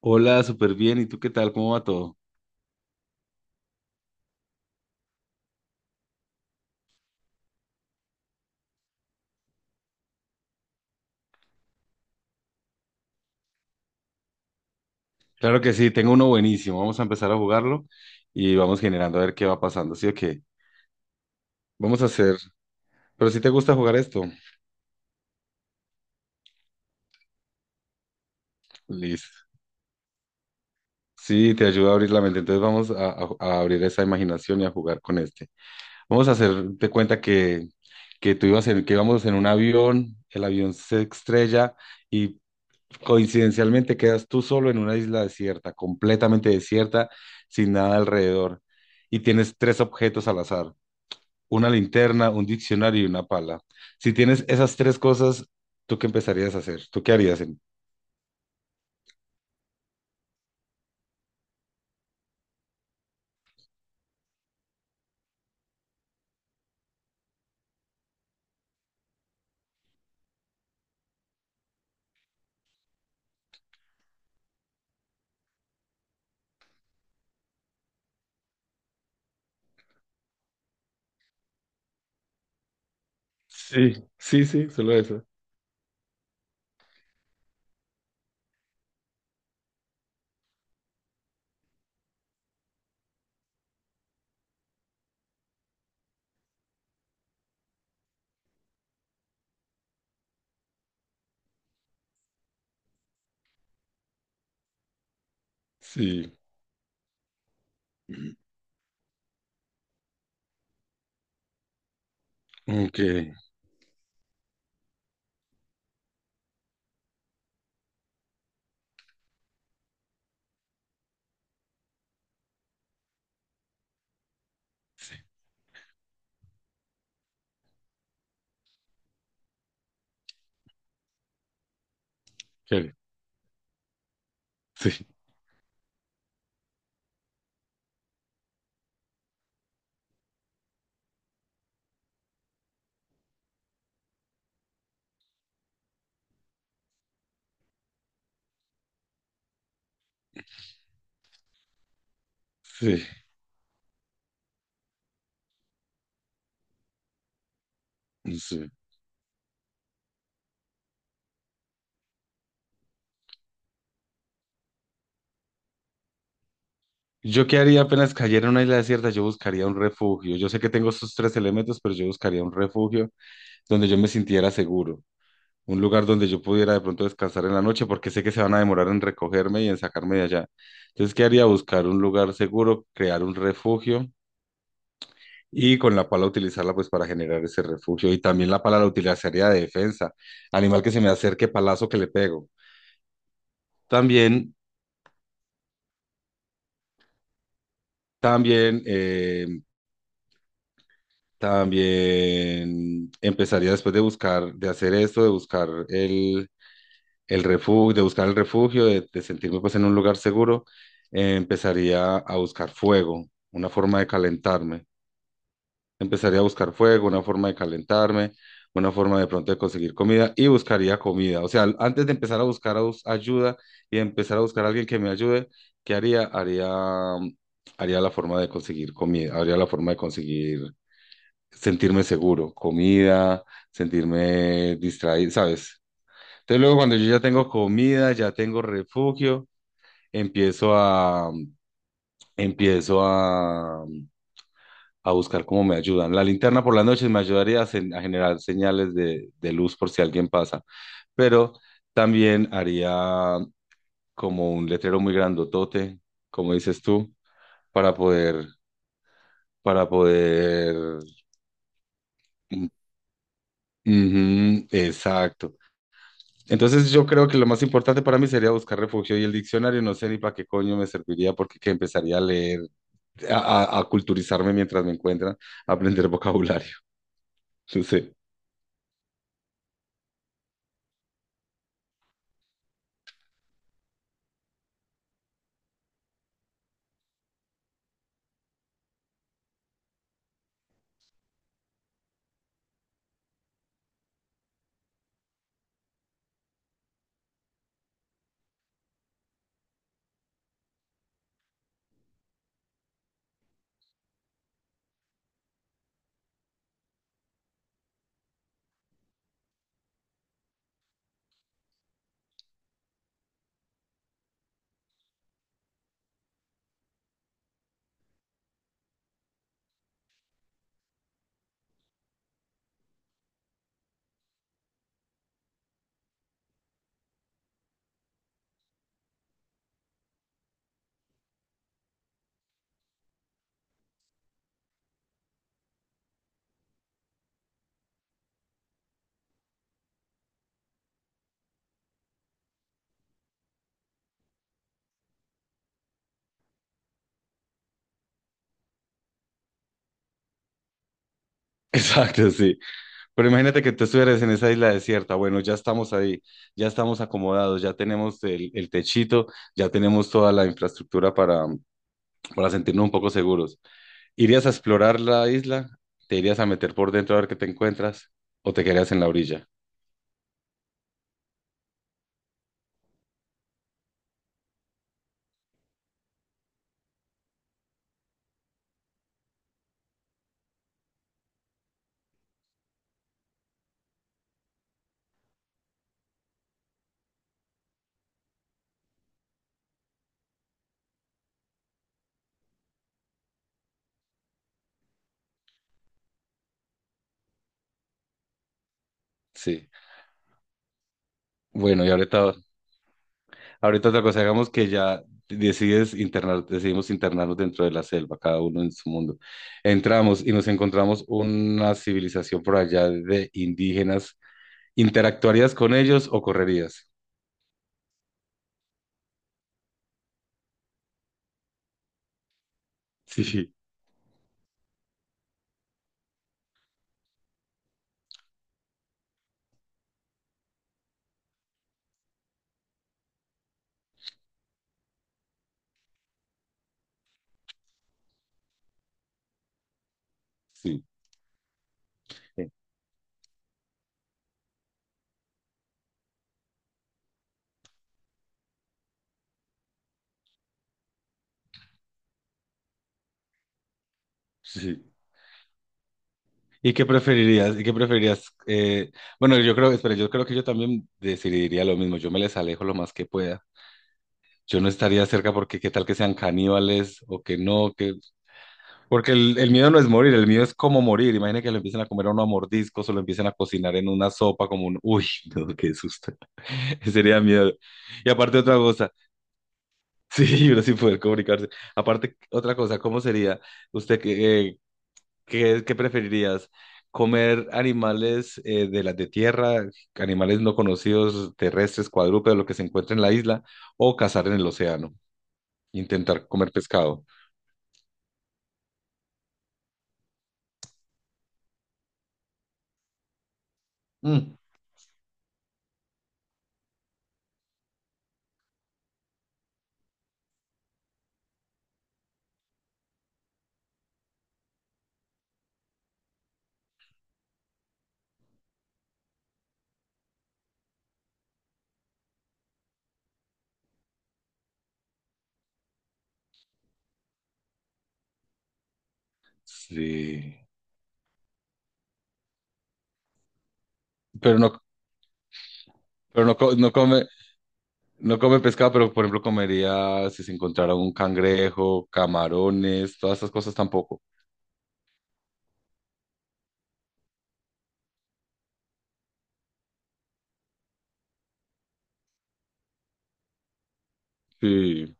Hola, súper bien. ¿Y tú qué tal? ¿Cómo va todo? Claro que sí, tengo uno buenísimo. Vamos a empezar a jugarlo y vamos generando a ver qué va pasando. ¿Sí o qué? Vamos a hacer. Pero si te gusta jugar esto, listo. Sí, te ayuda a abrir la mente. Entonces vamos a abrir esa imaginación y a jugar con este. Vamos a hacerte cuenta que tú ibas en, que íbamos en un avión, el avión se estrella y coincidencialmente quedas tú solo en una isla desierta, completamente desierta, sin nada alrededor. Y tienes tres objetos al azar. Una linterna, un diccionario y una pala. Si tienes esas tres cosas, ¿tú qué empezarías a hacer? ¿Tú qué harías? Sí, sí, sí, solo eso. Sí, ok, sí, ¿qué haría? Sí, sí, sí. ¿Yo qué haría apenas cayera en una isla desierta? Yo buscaría un refugio. Yo sé que tengo esos tres elementos, pero yo buscaría un refugio donde yo me sintiera seguro. Un lugar donde yo pudiera de pronto descansar en la noche porque sé que se van a demorar en recogerme y en sacarme de allá. Entonces, ¿qué haría? Buscar un lugar seguro, crear un refugio. Y con la pala utilizarla pues para generar ese refugio. Y también la pala la utilizaría de defensa. Animal que se me acerque, palazo que le pego. También, también, también empezaría después de buscar, de hacer esto, de buscar el refugio, de buscar el refugio, de sentirme pues en un lugar seguro, empezaría a buscar fuego, una forma de calentarme. Empezaría a buscar fuego, una forma de calentarme, una forma de pronto de conseguir comida y buscaría comida. O sea, antes de empezar a buscar ayuda y empezar a buscar a alguien que me ayude, ¿qué haría? Haría, mm, haría la forma de conseguir comida, haría la forma de conseguir sentirme seguro, comida, sentirme distraído, ¿sabes? Entonces luego cuando yo ya tengo comida, ya tengo refugio, empiezo a, empiezo a buscar cómo me ayudan. La linterna por las noches me ayudaría a, a generar señales de luz por si alguien pasa, pero también haría como un letrero muy grandotote, como dices tú, para poder, para poder... Ujú, exacto. Entonces yo creo que lo más importante para mí sería buscar refugio y el diccionario no sé ni para qué coño me serviría porque que empezaría a leer, a culturizarme mientras me encuentran, a aprender vocabulario. No sé. Exacto, sí. Pero imagínate que tú estuvieras en esa isla desierta. Bueno, ya estamos ahí, ya estamos acomodados, ya tenemos el techito, ya tenemos toda la infraestructura para sentirnos un poco seguros. ¿Irías a explorar la isla? ¿Te irías a meter por dentro a ver qué te encuentras? ¿O te quedarías en la orilla? Sí. Bueno, y ahorita, ahorita otra cosa, digamos que ya decides internar, decidimos internarnos dentro de la selva, cada uno en su mundo. Entramos y nos encontramos una civilización por allá de indígenas. ¿Interactuarías con ellos o correrías? Sí, sí, sí, sí. ¿Y qué preferirías? ¿Y qué preferirías? Bueno, yo creo, espera, yo creo que yo también decidiría lo mismo. Yo me les alejo lo más que pueda. Yo no estaría cerca porque qué tal que sean caníbales o que no, que... Porque el miedo no es morir, el miedo es cómo morir. Imagina que lo empiecen a comer a uno a mordiscos o lo empiecen a cocinar en una sopa como un... Uy, no, qué susto. Sería miedo. Y aparte otra cosa, sí, uno sin poder comunicarse. Aparte otra cosa, ¿cómo sería usted que, ¿qué, qué preferirías? ¿Comer animales de las de tierra, animales no conocidos, terrestres, cuadrúpedos, lo que se encuentra en la isla, o cazar en el océano? Intentar comer pescado. Mm. Sí. Pero no, pero no, no come, no come pescado, pero por ejemplo comería si se encontrara un cangrejo, camarones, todas esas cosas tampoco. Sí.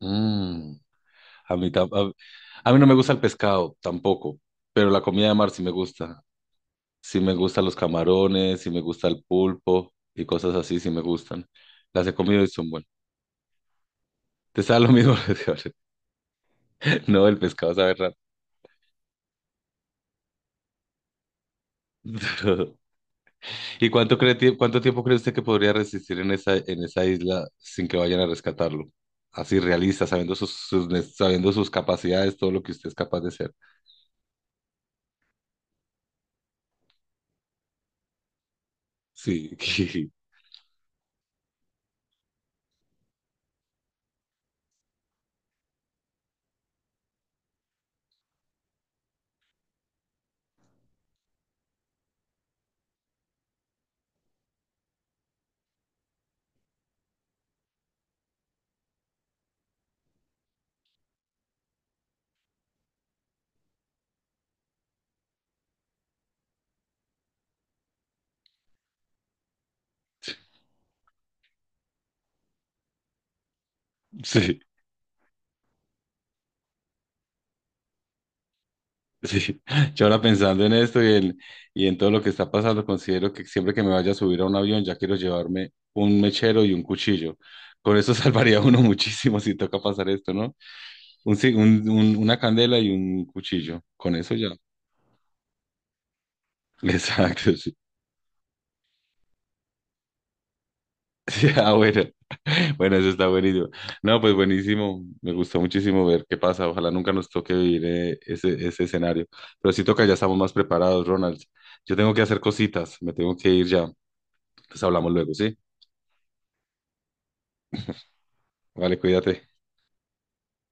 Mm. A mí, a mí no me gusta el pescado tampoco, pero la comida de mar sí me gusta. Sí me gustan los camarones, sí me gusta el pulpo y cosas así, sí me gustan. Las he comido y son buenas. Te sabe lo mismo, lo de ahora. No, el pescado sabe raro. Pero- ¿y cuánto cree, cuánto tiempo cree usted que podría resistir en esa isla sin que vayan a rescatarlo? Así realista, sabiendo sus, sabiendo sus capacidades, todo lo que usted es capaz de hacer. Sí, sí. Sí, yo ahora pensando en esto y en todo lo que está pasando, considero que siempre que me vaya a subir a un avión ya quiero llevarme un mechero y un cuchillo. Con eso salvaría a uno muchísimo si toca pasar esto, ¿no? Un, una candela y un cuchillo. Con eso ya. Exacto, sí. Sí, ah, bueno. Bueno, eso está buenísimo. No, pues buenísimo. Me gustó muchísimo ver qué pasa. Ojalá nunca nos toque vivir ese escenario. Pero si toca, ya estamos más preparados, Ronald. Yo tengo que hacer cositas. Me tengo que ir ya. Pues hablamos luego, ¿sí? Vale, cuídate.